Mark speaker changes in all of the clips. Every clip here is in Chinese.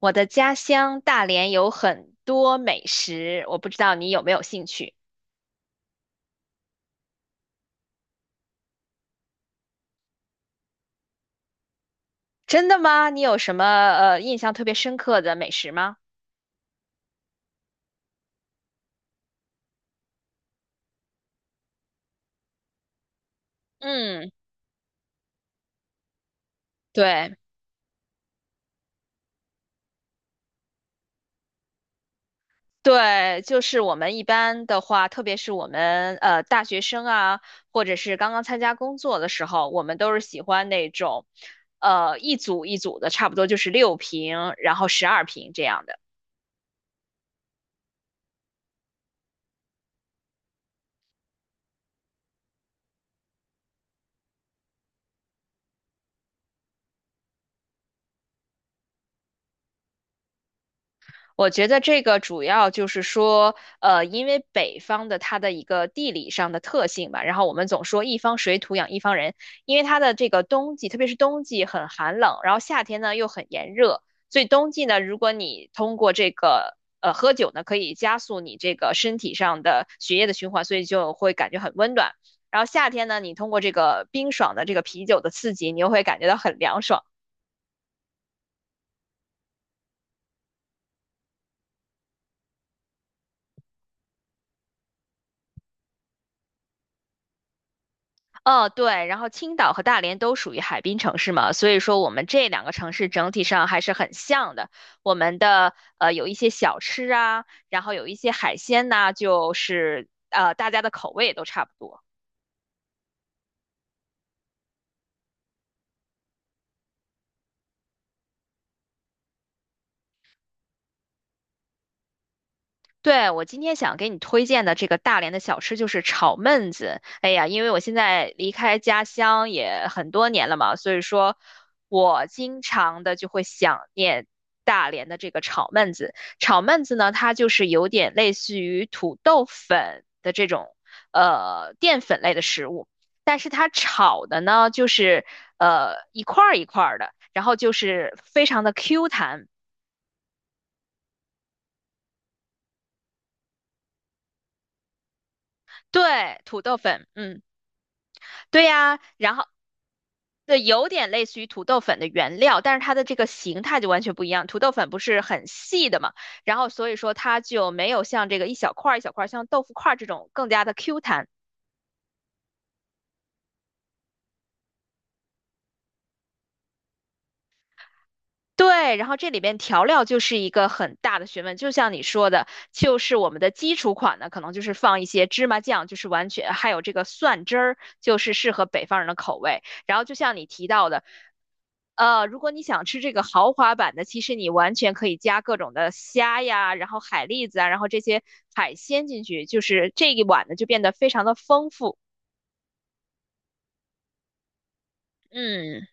Speaker 1: 我的家乡大连有很多美食，我不知道你有没有兴趣？真的吗？你有什么印象特别深刻的美食吗？嗯，对对，就是我们一般的话，特别是我们大学生啊，或者是刚刚参加工作的时候，我们都是喜欢那种，一组一组的，差不多就是六瓶，然后十二瓶这样的。我觉得这个主要就是说，因为北方的它的一个地理上的特性吧，然后我们总说一方水土养一方人，因为它的这个冬季，特别是冬季很寒冷，然后夏天呢又很炎热，所以冬季呢，如果你通过这个喝酒呢，可以加速你这个身体上的血液的循环，所以就会感觉很温暖。然后夏天呢，你通过这个冰爽的这个啤酒的刺激，你又会感觉到很凉爽。哦，对，然后青岛和大连都属于海滨城市嘛，所以说我们这两个城市整体上还是很像的。我们的有一些小吃啊，然后有一些海鲜呐、就是大家的口味也都差不多。对，我今天想给你推荐的这个大连的小吃就是炒焖子。哎呀，因为我现在离开家乡也很多年了嘛，所以说我经常的就会想念大连的这个炒焖子。炒焖子呢，它就是有点类似于土豆粉的这种淀粉类的食物，但是它炒的呢就是一块儿一块儿的，然后就是非常的 Q 弹。对，土豆粉，嗯，对呀，然后。对，有点类似于土豆粉的原料，但是它的这个形态就完全不一样。土豆粉不是很细的嘛，然后所以说它就没有像这个一小块儿一小块儿，像豆腐块儿这种更加的 Q 弹。对，然后这里边调料就是一个很大的学问，就像你说的，就是我们的基础款呢，可能就是放一些芝麻酱，就是完全还有这个蒜汁儿，就是适合北方人的口味。然后就像你提到的，如果你想吃这个豪华版的，其实你完全可以加各种的虾呀，然后海蛎子啊，然后这些海鲜进去，就是这一碗呢就变得非常的丰富。嗯。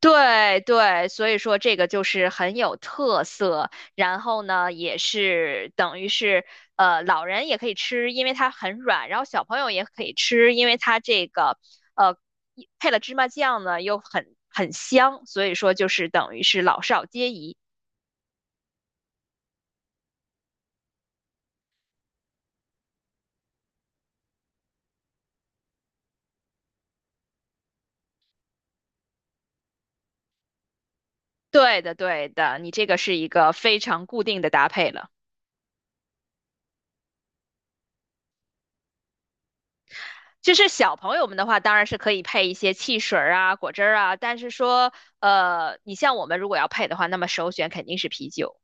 Speaker 1: 对对，所以说这个就是很有特色，然后呢，也是等于是老人也可以吃，因为它很软，然后小朋友也可以吃，因为它这个呃一配了芝麻酱呢，又很香，所以说就是等于是老少皆宜。对的对的，你这个是一个非常固定的搭配了。就是小朋友们的话，当然是可以配一些汽水儿啊、果汁儿啊，但是说，你像我们如果要配的话，那么首选肯定是啤酒。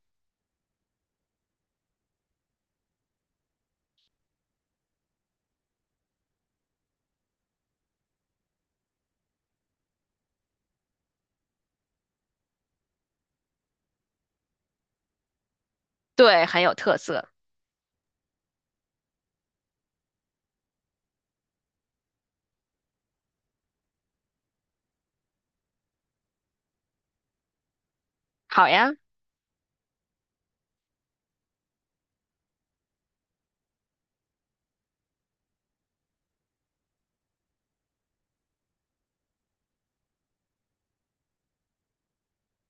Speaker 1: 对，很有特色。好呀，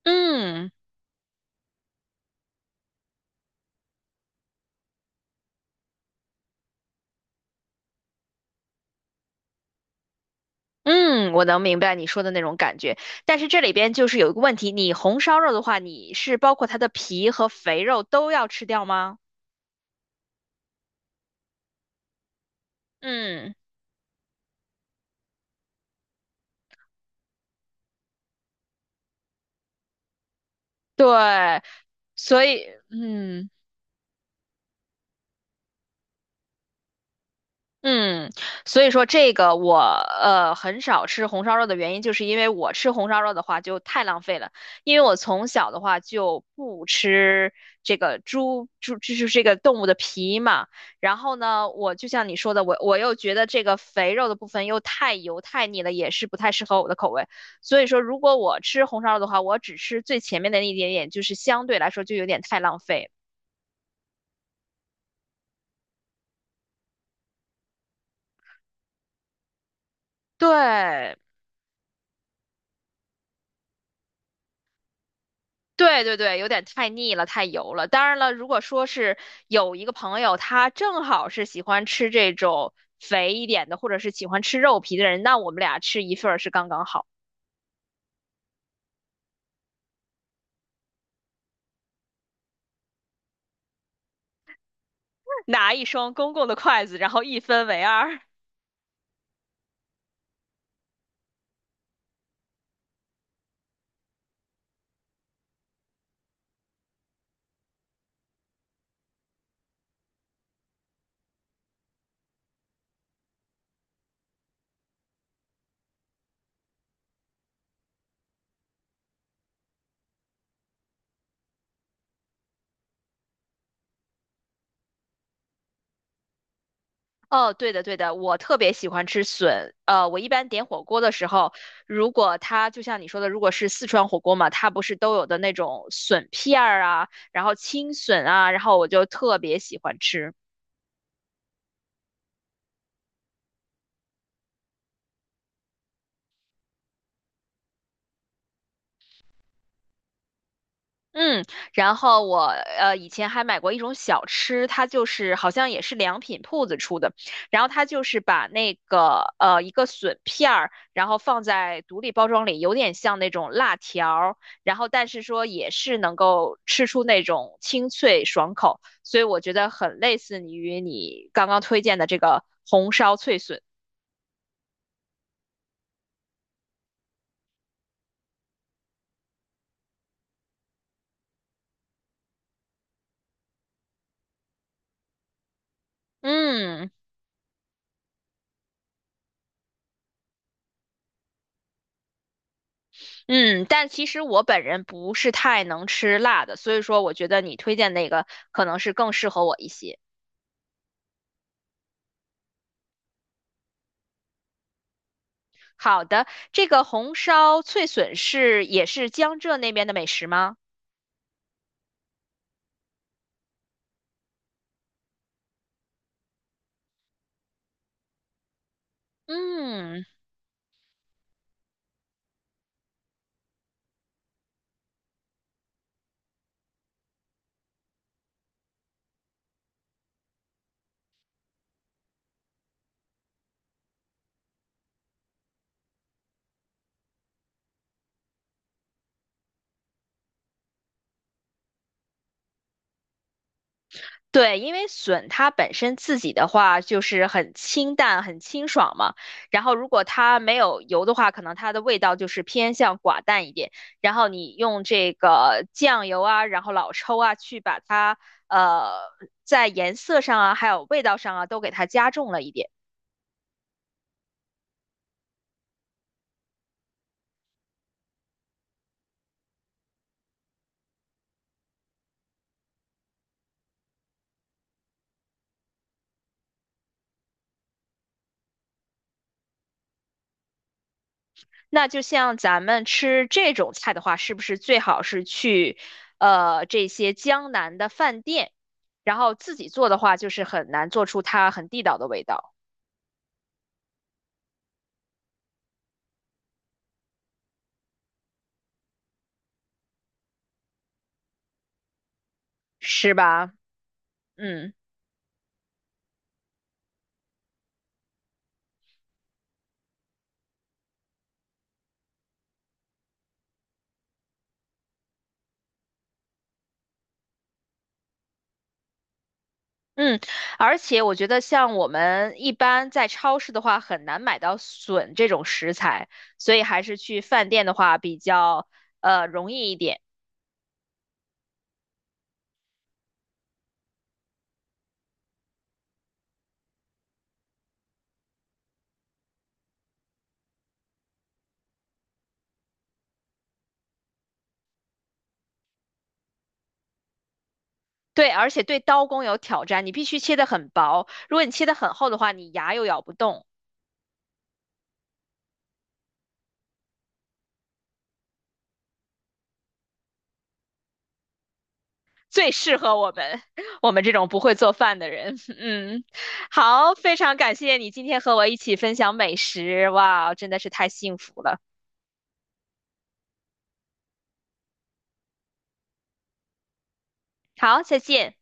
Speaker 1: 嗯嗯，我能明白你说的那种感觉。但是这里边就是有一个问题，你红烧肉的话，你是包括它的皮和肥肉都要吃掉吗？嗯，对，所以嗯。嗯，所以说这个我很少吃红烧肉的原因，就是因为我吃红烧肉的话就太浪费了，因为我从小的话就不吃这个猪猪，就是这个动物的皮嘛。然后呢，我就像你说的，我又觉得这个肥肉的部分又太油太腻了，也是不太适合我的口味。所以说，如果我吃红烧肉的话，我只吃最前面的那一点点，就是相对来说就有点太浪费。对，对对对，有点太腻了，太油了。当然了，如果说是有一个朋友，他正好是喜欢吃这种肥一点的，或者是喜欢吃肉皮的人，那我们俩吃一份儿是刚刚好。拿一双公共的筷子，然后一分为二。哦，对的对的，我特别喜欢吃笋。我一般点火锅的时候，如果它就像你说的，如果是四川火锅嘛，它不是都有的那种笋片儿啊，然后青笋啊，然后我就特别喜欢吃。嗯，然后我以前还买过一种小吃，它就是好像也是良品铺子出的，然后它就是把那个一个笋片儿，然后放在独立包装里，有点像那种辣条儿，然后但是说也是能够吃出那种清脆爽口，所以我觉得很类似于你刚刚推荐的这个红烧脆笋。嗯。嗯，但其实我本人不是太能吃辣的，所以说我觉得你推荐那个可能是更适合我一些。好的，这个红烧脆笋是也是江浙那边的美食吗？嗯，对，因为笋它本身自己的话就是很清淡、很清爽嘛，然后如果它没有油的话，可能它的味道就是偏向寡淡一点。然后你用这个酱油啊，然后老抽啊，去把它呃在颜色上啊，还有味道上啊，都给它加重了一点。那就像咱们吃这种菜的话，是不是最好是去这些江南的饭店，然后自己做的话，就是很难做出它很地道的味道。是吧？嗯嗯，而且我觉得像我们一般在超市的话，很难买到笋这种食材，所以还是去饭店的话比较容易一点。对，而且对刀工有挑战，你必须切得很薄，如果你切得很厚的话，你牙又咬不动，最适合我们 我们这种不会做饭的人。嗯，好，非常感谢你今天和我一起分享美食，哇，真的是太幸福了。好，再见。